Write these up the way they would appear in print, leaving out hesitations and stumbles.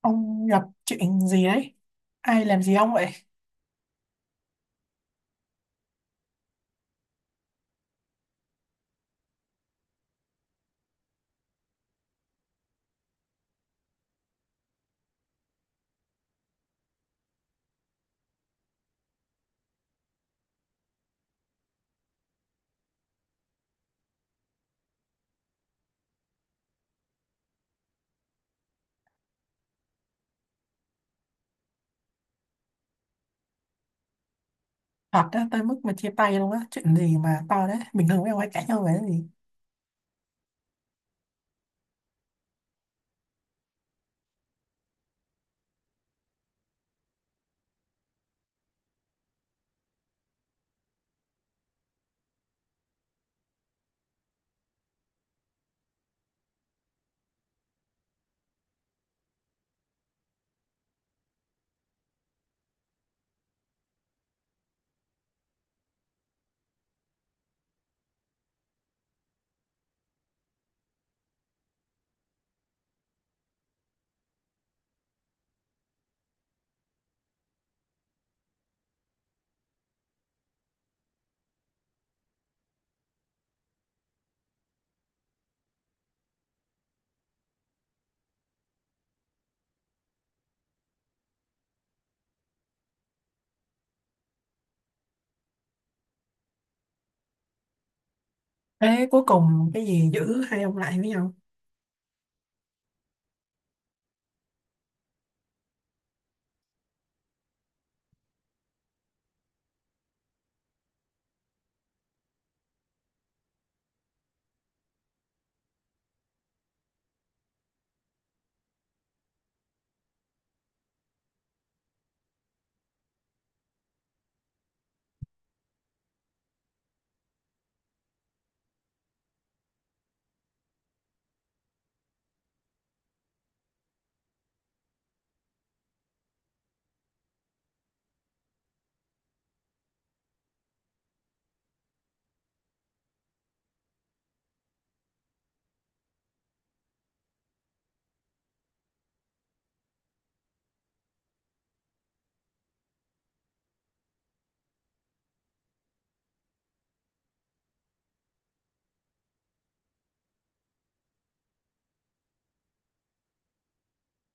Ông gặp chuyện gì đấy? Ai làm gì ông vậy? Thật đó, tới mức mà chia tay luôn á. Chuyện gì mà to đấy? Bình thường mấy ông hay cãi nhau về cái gì? Thế cuối cùng cái gì giữ hai ông lại với nhau?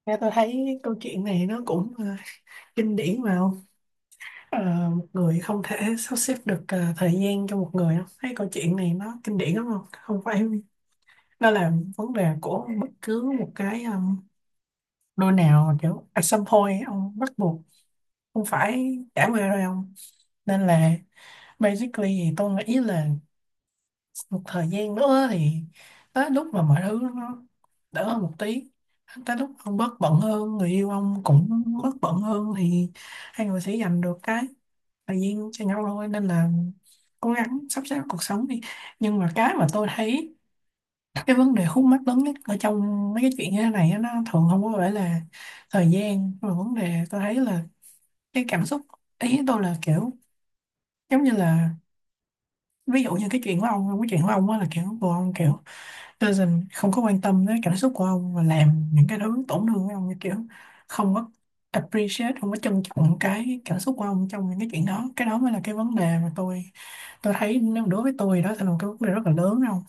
Nghe tôi thấy câu chuyện này nó cũng kinh điển mà không? Một người không thể sắp xếp được thời gian cho một người không? Thấy câu chuyện này nó kinh điển lắm không? Không phải nó là vấn đề của bất cứ một cái đôi nào, kiểu at some point ông bắt buộc không phải trải qua rồi không? Nên là Basically thì tôi nghĩ là một thời gian nữa thì tới lúc mà mọi thứ nó đỡ hơn một tí, tới lúc ông bớt bận hơn, người yêu ông cũng bớt bận hơn thì hai người sẽ dành được cái thời gian cho nhau thôi, nên là cố gắng sắp xếp cuộc sống đi. Nhưng mà cái mà tôi thấy cái vấn đề khúc mắc lớn nhất ở trong mấy cái chuyện như thế này á, nó thường không có phải là thời gian, mà vấn đề tôi thấy là cái cảm xúc. Ý tôi là kiểu giống như là ví dụ như cái chuyện của ông, cái chuyện của ông á là kiểu của ông kiểu doesn't không có quan tâm tới cảm xúc của ông và làm những cái thứ tổn thương với ông, như kiểu không có appreciate, không có trân trọng cái cảm xúc của ông trong những cái chuyện đó. Cái đó mới là cái vấn đề mà tôi thấy, nếu đối với tôi đó sẽ là một cái vấn đề rất là lớn không.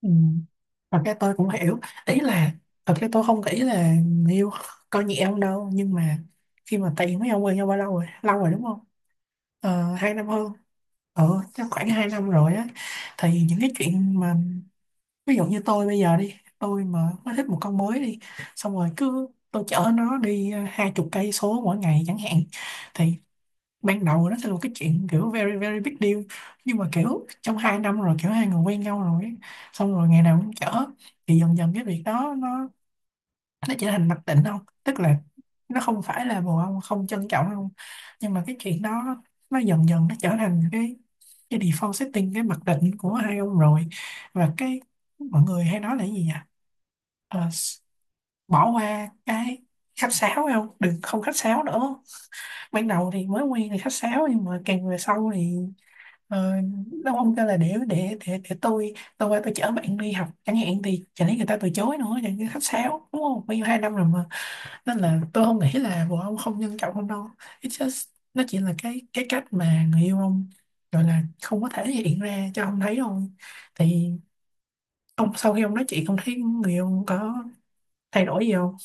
Ừ. Và cái tôi cũng hiểu, ý là thật ra tôi không nghĩ là người yêu coi nhẹ ông đâu, nhưng mà khi mà tiền mấy ông quen nhau bao lâu rồi, lâu rồi đúng không? 2 năm hơn. Ừ, chắc khoảng 2 năm rồi á. Thì những cái chuyện mà ví dụ như tôi bây giờ đi, tôi mà mới thích một con mới đi, xong rồi cứ tôi chở nó đi 20 cây số mỗi ngày chẳng hạn, thì ban đầu nó sẽ là một cái chuyện kiểu very very big deal, nhưng mà kiểu trong 2 năm rồi, kiểu hai người quen nhau rồi ấy, xong rồi ngày nào cũng chở thì dần dần cái việc đó nó trở thành mặc định không, tức là nó không phải là bồ ông không trân trọng không, nhưng mà cái chuyện đó nó dần dần nó trở thành cái default setting, cái mặc định của hai ông rồi. Và cái mọi người hay nói là cái gì nhỉ, Ờ, s- bỏ qua cái khách sáo không, đừng không khách sáo nữa. Ban đầu thì mới quen thì khách sáo, nhưng mà càng về sau thì ờ, nó không, kêu là để tôi qua tôi chở bạn đi học chẳng hạn thì chẳng lẽ người ta từ chối nữa, chẳng cái khách sáo đúng không, bao nhiêu 2 năm rồi. Nên là tôi không nghĩ là vợ ông không nhân trọng ông đâu, it's just nó chỉ là cái cách mà người yêu ông gọi là không có thể hiện ra cho ông thấy thôi. Thì ông sau khi ông nói chuyện, ông thấy người yêu ông có thay đổi gì không?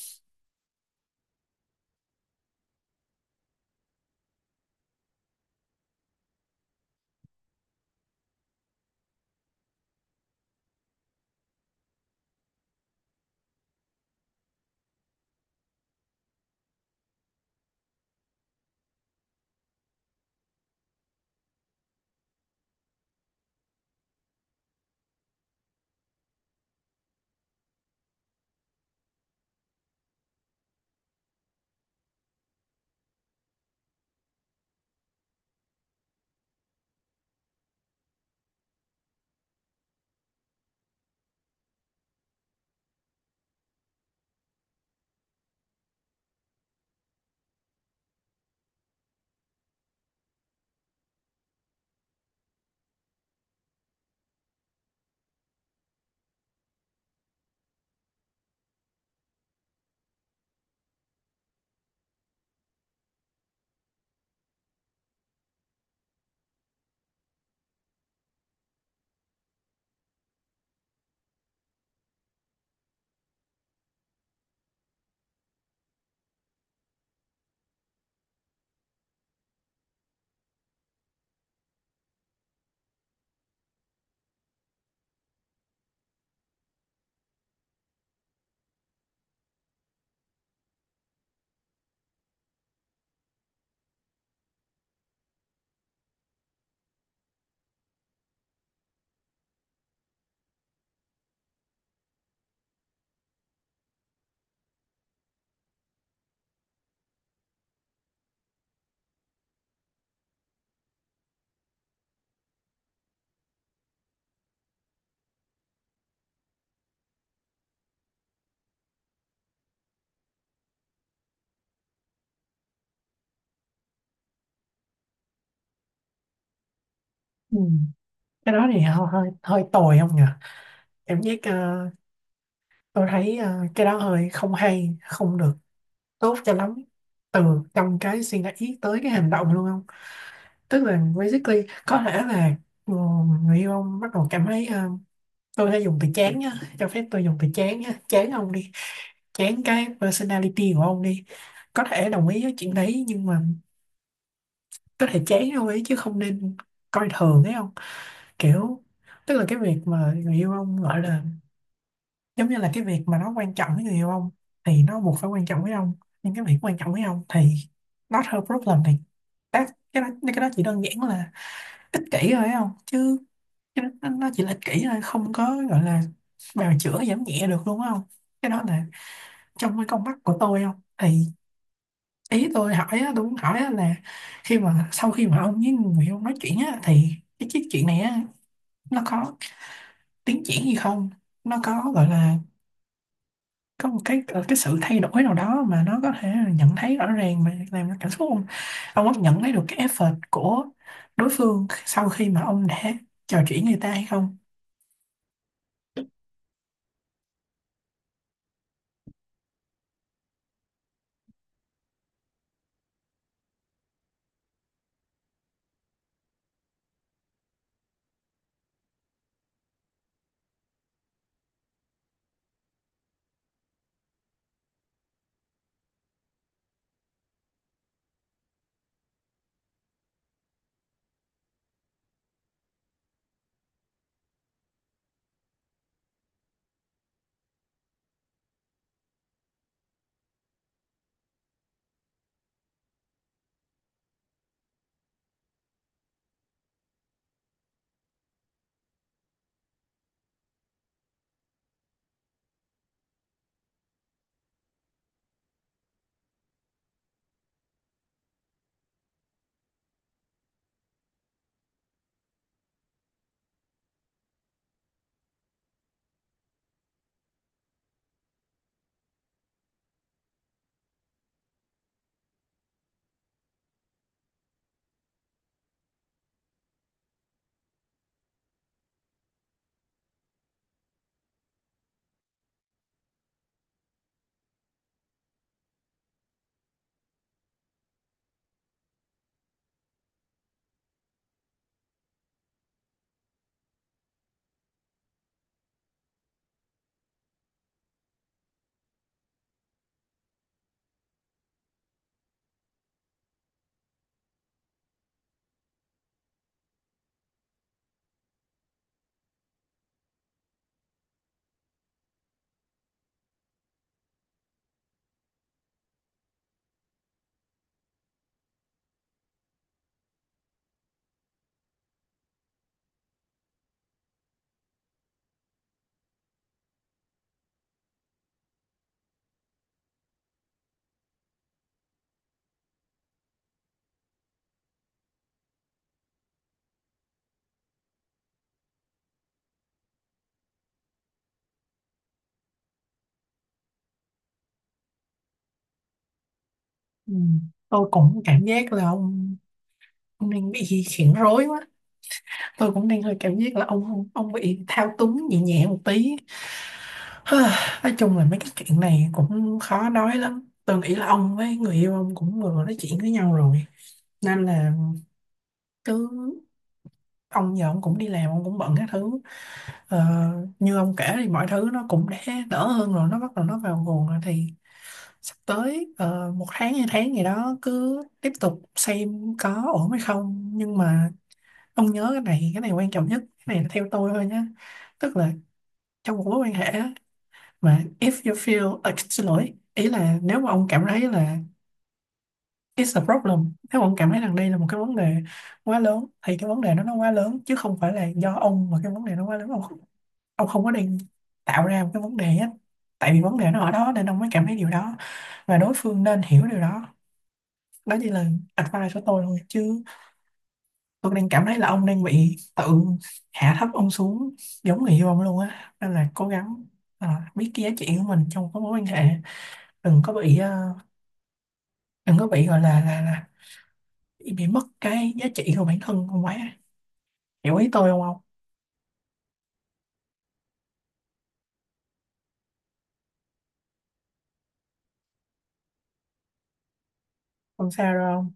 Ừ. Cái đó thì họ hơi hơi tồi không nhỉ, cảm giác tôi thấy cái đó hơi không hay, không được tốt cho lắm, từ trong cái suy nghĩ tới cái hành động luôn không. Tức là basically có thể là ừ, người yêu ông bắt đầu cảm thấy tôi đã dùng từ chán nhá, cho phép tôi dùng từ chán nhá, chán ông đi, chán cái personality của ông đi, có thể đồng ý với chuyện đấy. Nhưng mà có thể chán ông ấy chứ không nên coi thường, thấy không. Kiểu tức là cái việc mà người yêu ông gọi là, giống như là cái việc mà nó quan trọng với người yêu ông thì nó buộc phải quan trọng với ông, nhưng cái việc quan trọng với ông thì not her problem, thì that, cái đó chỉ đơn giản là ích kỷ thôi, thấy không, chứ cái đó, nó chỉ là ích kỷ thôi, không có gọi là bào chữa giảm nhẹ được luôn á không, cái đó là trong cái con mắt của tôi không. Thì ý tôi hỏi á, tôi muốn hỏi á là khi mà sau khi mà ông với người ông nói chuyện á thì cái chiếc chuyện này á, nó có tiến triển gì không, nó có gọi là có một cái cái sự thay đổi nào đó mà nó có thể nhận thấy rõ ràng mà làm cho cảm xúc ông có nhận thấy được cái effort của đối phương sau khi mà ông đã trò chuyện người ta hay không? Ừ. Tôi cũng cảm giác là ông đang bị khiển rối quá, tôi cũng đang hơi cảm giác là ông bị thao túng nhẹ nhẹ một tí. Nói chung là mấy cái chuyện này cũng khó nói lắm, tôi nghĩ là ông với người yêu ông cũng vừa nói chuyện với nhau rồi nên là cứ, ông giờ ông cũng đi làm, ông cũng bận các thứ, ờ, như ông kể thì mọi thứ nó cũng đã đỡ hơn rồi, nó bắt đầu nó vào guồng rồi. Thì sắp tới 1 tháng 2 tháng gì đó cứ tiếp tục xem có ổn hay không. Nhưng mà ông nhớ cái này, cái này quan trọng nhất, cái này là theo tôi thôi nhé. Tức là trong một mối quan hệ á, mà if you feel à, xin lỗi, ý là nếu mà ông cảm thấy là it's a problem, nếu mà ông cảm thấy rằng đây là một cái vấn đề quá lớn thì cái vấn đề nó quá lớn, chứ không phải là do ông mà cái vấn đề nó quá lớn, ông không có đang tạo ra một cái vấn đề á, tại vì vấn đề nó ở đó nên ông mới cảm thấy điều đó, và đối phương nên hiểu điều đó. Đó chỉ là advice của tôi thôi, chứ tôi đang cảm thấy là ông đang bị tự hạ thấp ông xuống giống người yêu ông luôn á, nên là cố gắng, à, biết cái giá trị của mình trong cái mối quan hệ, đừng có bị đừng có bị gọi là bị mất cái giá trị của bản thân không quá, hiểu ý tôi không không? Không sao đâu,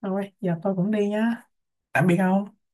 không thôi giờ tôi cũng đi nhá, tạm biệt ông.